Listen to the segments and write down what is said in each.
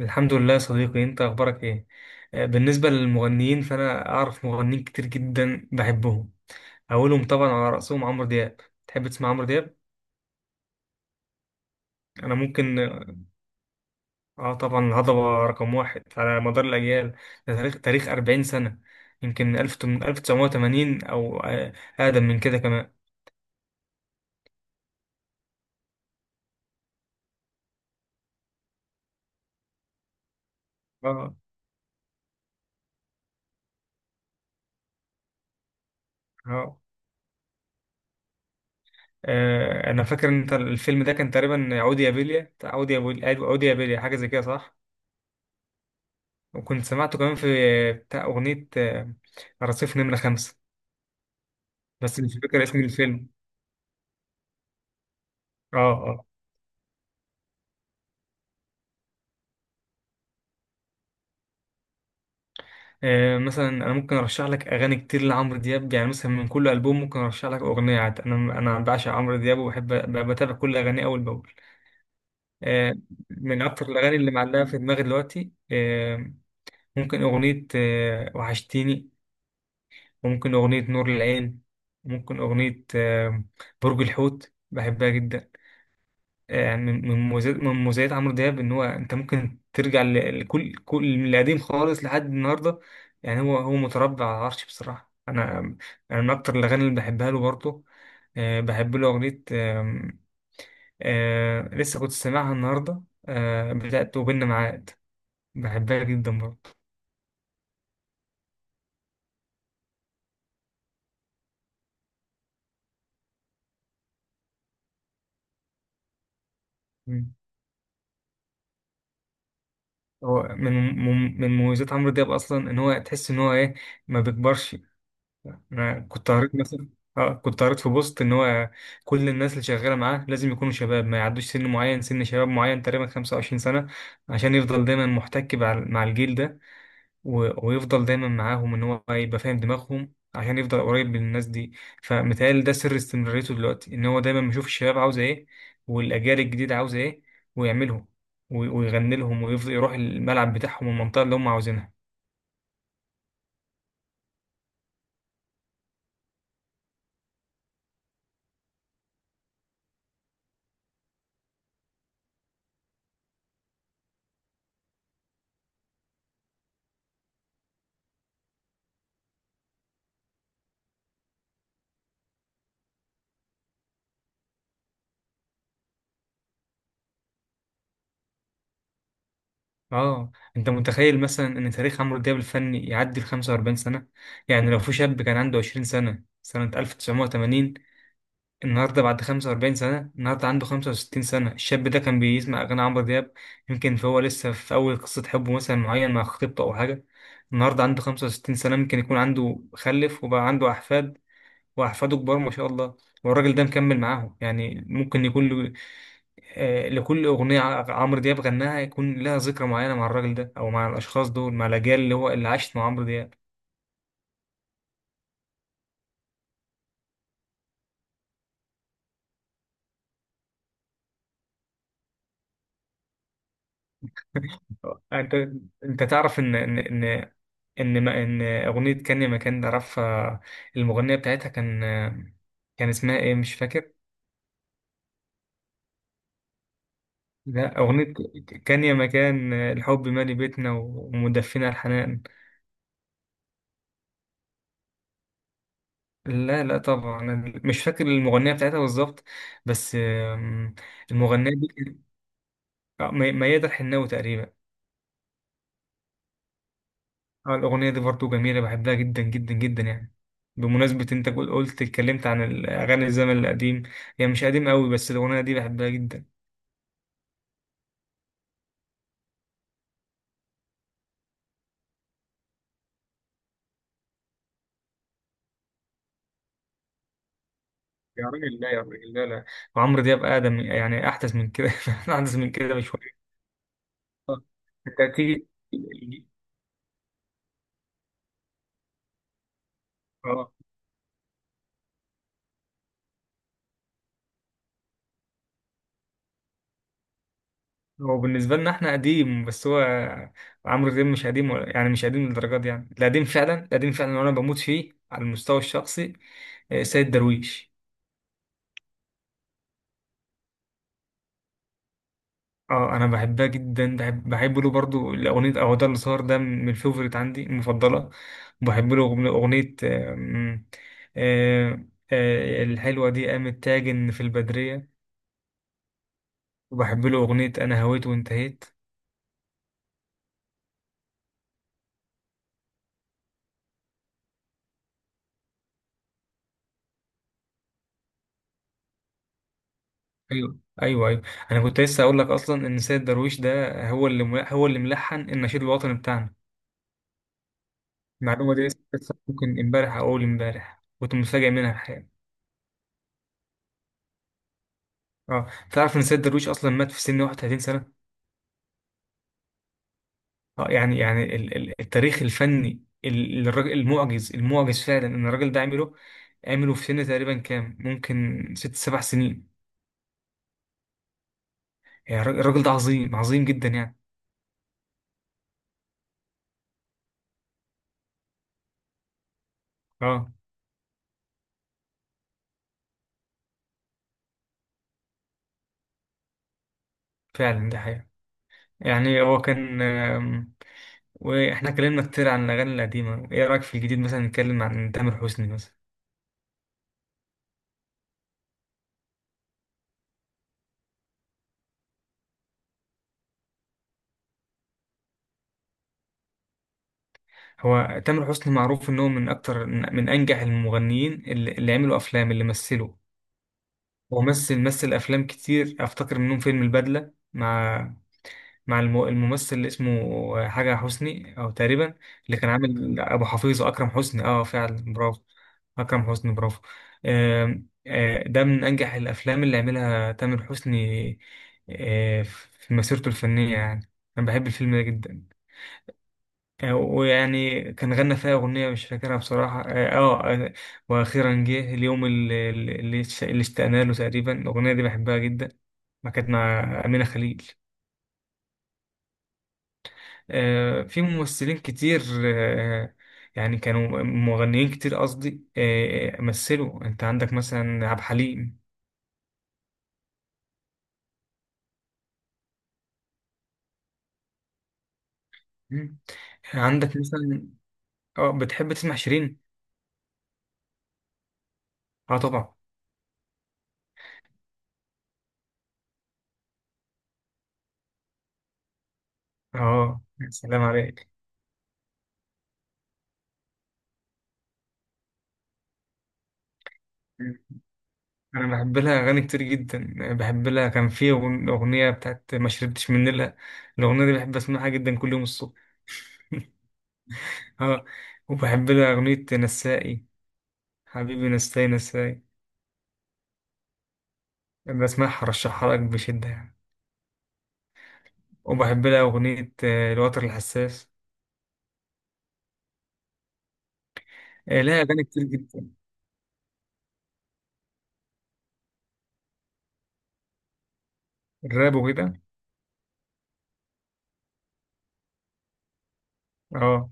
الحمد لله يا صديقي، انت اخبارك ايه؟ بالنسبه للمغنيين فانا اعرف مغنيين كتير جدا بحبهم. اولهم طبعا على راسهم عمرو دياب. تحب تسمع عمرو دياب؟ انا ممكن. اه طبعا، الهضبه رقم واحد على مدار الاجيال. ده تاريخ 40 سنه. يمكن 1000 من 1980، او اقدم من كده كمان. اه اه، انا فاكر ان انت الفيلم ده كان تقريبا عودي يا بيليا، بتاع عودي يا بيليا، أيوة، عودي يا بيليا، حاجه زي كده، صح؟ وكنت سمعته كمان في بتاع أغنية رصيف نمرة خمسة، بس مش فاكر اسم الفيلم. اه اه، مثلا انا ممكن ارشح لك اغاني كتير لعمرو دياب. يعني مثلا من كل البوم ممكن ارشح لك اغنيه. عاد انا بعشق عمرو دياب وبحب بتابع كل اغانيه اول باول. آه، من اكتر الاغاني اللي معلقه في دماغي دلوقتي، ممكن اغنيه وحشتيني، وممكن اغنيه نور العين، وممكن اغنيه برج الحوت، بحبها جدا. من مميزات عمرو دياب ان هو انت ممكن ترجع لكل من القديم خالص لحد النهارده. يعني هو متربع على العرش بصراحه. انا من اكتر الاغاني اللي بحبها له برضه بحب له اغنيه، لسه كنت سامعها النهارده، بتاعت وبيننا معاد، بحبها جدا برضه. مم. هو من مميزات عمرو دياب اصلا ان هو تحس ان هو ايه؟ ما بيكبرش. انا كنت قريت مثلا، اه كنت قريت في بوست ان هو كل الناس اللي شغاله معاه لازم يكونوا شباب، ما يعدوش سن معين، سن شباب معين تقريبا 25 سنه، عشان يفضل دايما محتك مع الجيل ده، ويفضل دايما معاهم ان هو يبقى فاهم دماغهم عشان يفضل قريب من الناس دي. فمتهيألي ده سر استمراريته دلوقتي، ان هو دايما بيشوف الشباب عاوزه ايه، والاجيال الجديده عاوزه ايه، ويعملهم ويغني لهم، ويفضل يروح الملعب بتاعهم والمنطقه اللي هم عاوزينها. اه انت متخيل مثلا ان تاريخ عمرو دياب الفني يعدي ال 45 سنة؟ يعني لو في شاب كان عنده 20 سنة سنة 1980، النهارده بعد 45 سنة، النهارده عنده 65 سنة. الشاب ده كان بيسمع اغاني عمرو دياب يمكن، فهو لسه في اول قصة حب مثلا معين مع خطيبته او حاجة. النهارده عنده 65 سنة، ممكن يكون عنده خلف وبقى عنده احفاد، وأحفاده كبار ما شاء الله، والراجل ده مكمل معاهم. يعني ممكن يكون له، لكل أغنية عمرو دياب غناها، يكون لها ذكرى معينة مع الراجل ده، أو مع الأشخاص دول، مع الأجيال اللي عاشت مع عمرو دياب. أنت أنت تعرف إن إن إن إن, ما إن أغنية كان يا مكان ده عرفها؟ المغنية بتاعتها، كان اسمها إيه؟ مش فاكر. لا، أغنية كان يا مكان الحب مالي بيتنا ومدفنا الحنان. لا لا طبعا، أنا مش فاكر المغنية بتاعتها بالظبط، بس المغنية دي كانت- ميادة الحناوي تقريبا. اه الأغنية دي برضو جميلة، بحبها جدا جدا جدا يعني. بمناسبة انت قلت، اتكلمت عن الأغاني الزمن القديم. هي مش قديم قوي، بس الأغنية دي بحبها جدا. يا راجل لا، يا راجل لا لا، وعمرو دياب أقدم يعني أحدث من كده. أحدث من كده بشوية. انت تيجي، اه هو بالنسبة لنا احنا قديم، بس هو عمرو دياب مش قديم يعني مش قديم للدرجة دي. يعني القديم فعلا، القديم فعلا، وانا بموت فيه على المستوى الشخصي سيد درويش. اه انا بحبها جدا، بحب له برضو الاغنية او ده اللي صار. ده من الفيفوريت عندي، المفضلة. بحب له اغنية آه، الحلوة دي قامت تاجن في البدرية، وبحب له اغنية انا هويت وانتهيت. ايوه ايوه ايوه. انا كنت لسه اقول لك اصلا ان سيد درويش ده هو اللي هو اللي ملحن النشيد الوطني بتاعنا. المعلومه دي لسه ممكن امبارح او اول امبارح كنت متفاجئ منها الحقيقه. اه تعرف ان سيد درويش اصلا مات في سن 31 سنه؟ اه يعني التاريخ الفني، الراجل- المعجز المعجز فعلا ان الراجل ده عمله. عمله في سن تقريبا كام؟ ممكن ست سبع سنين. يعني الراجل الراجل ده عظيم عظيم جدا يعني. اه فعلا ده حقيقه. يعني هو كان، واحنا اتكلمنا كتير عن الاغاني القديمه. ايه رايك في الجديد، مثلا نتكلم عن تامر حسني مثلا. هو تامر حسني معروف ان هو من اكتر من انجح المغنيين اللي عملوا افلام، اللي مثلوا. هو مثل مثل افلام كتير، افتكر منهم فيلم البدله مع الممثل اللي اسمه حاجة حسني أو تقريبا، اللي كان عامل أبو حفيظ، أكرم حسني، أه فعلا برافو. أكرم حسني برافو. ده من أنجح الأفلام اللي عملها تامر حسني في مسيرته الفنية يعني. أنا بحب الفيلم ده جدا. ويعني كان غنى فيها أغنية مش فاكرها بصراحة، اه. آه، آه، وأخيرا جه اليوم اللي اشتقنا له تقريبا. الأغنية دي بحبها جدا، ما كانت مع أمينة خليل. في ممثلين كتير، يعني كانوا مغنيين كتير قصدي، مثلوا. انت عندك مثلا عبد الحليم. مم. عندك مثلا، اه بتحب تسمع شيرين؟ اه طبعا. اه يا سلام عليك. مم. انا بحب لها اغاني كتير جدا. بحب لها كان في اغنيه بتاعت ما شربتش من نيلها. الاغنيه دي بحب اسمعها جدا كل يوم الصبح. اه وبحب لها اغنيه نسائي، حبيبي نسائي نسائي. بسمعها، رشحها لك بشده يعني. وبحب لها أغنية الوتر الحساس. لها أغاني كتير جدا. الراب وكده. اه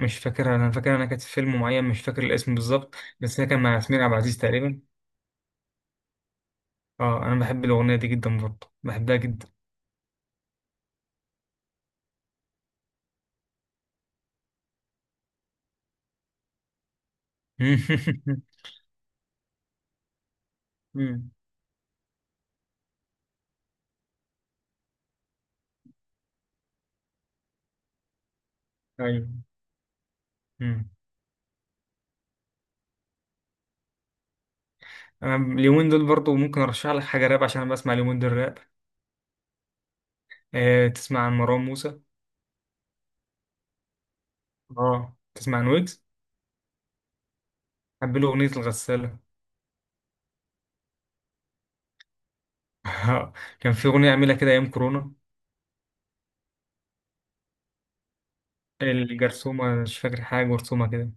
مش فاكرها. أنا فاكر أنا كانت في فيلم معين، مش فاكر الاسم بالظبط، بس هي كان مع ياسمين عبد العزيز تقريبا. اه أنا بحب الأغنية دي جدا برضه، بحبها جدا. مم. أيوه. مم. أنا اليومين دول برضه ممكن أرشح لك حاجة راب، عشان أنا بسمع اليومين دول راب. آه تسمع عن مروان موسى؟ اه تسمع عن ويجز؟ بحب له أغنية الغسالة. كان في أغنية عاملها كده أيام كورونا، الجرثومة. مش فاكر حاجة جرثومة كده.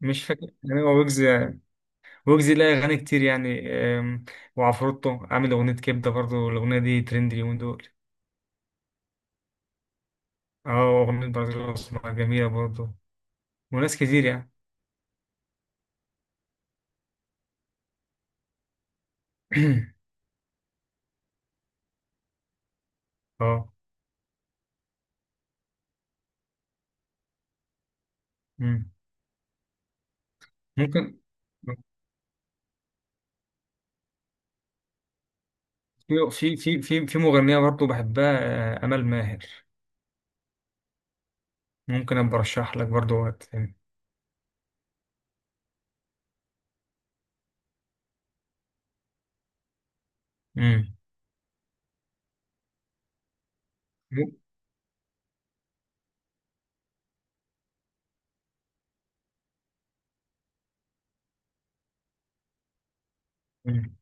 مش فاكر. يعني هو ويجز، ويجز ليه أغاني كتير يعني. أم، وعفروتو عامل أغنية كبدة برضو، الأغنية دي ترند اليومين دول. اه أغنية برازيل الأسمر جميلة برضو. وناس كتير يعني. اه. مم. ممكن في مغنية برضو بحبها، أمل ماهر. ممكن أبقى أرشح لك برضو وقت تاني. مم. مم.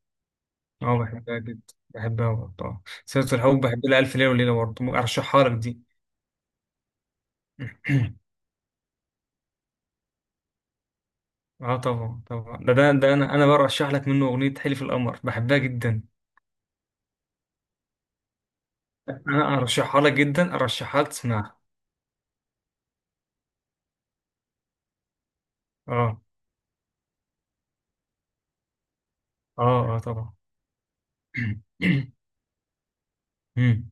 اه بحبها جدا، بحبها برضو. آه، سيرة الحب. بحب لها ألف ليلة وليلة برضو، أرشحها لك دي. اه طبعا طبعا، ده انا برشح لك منه اغنيه حلف القمر، بحبها جدا. انا ارشحها لك جدا، ارشحها لك تسمعها. اه اه اه طبعا. مم.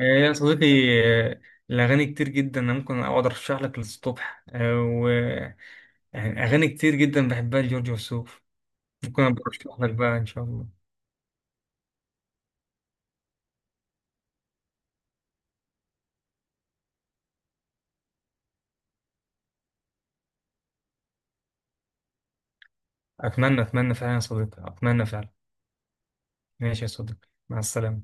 آه يا صديقي، آه، الاغاني كتير جدا، انا ممكن اقعد ارشح لك للصبح آه. واغاني كتير جدا بحبها لجورج وسوف. ممكن أبقى ارشح لك بقى ان شاء الله. اتمنى اتمنى فعلا يا صديقي، اتمنى فعلا. ماشي يا صديقي، مع السلامه.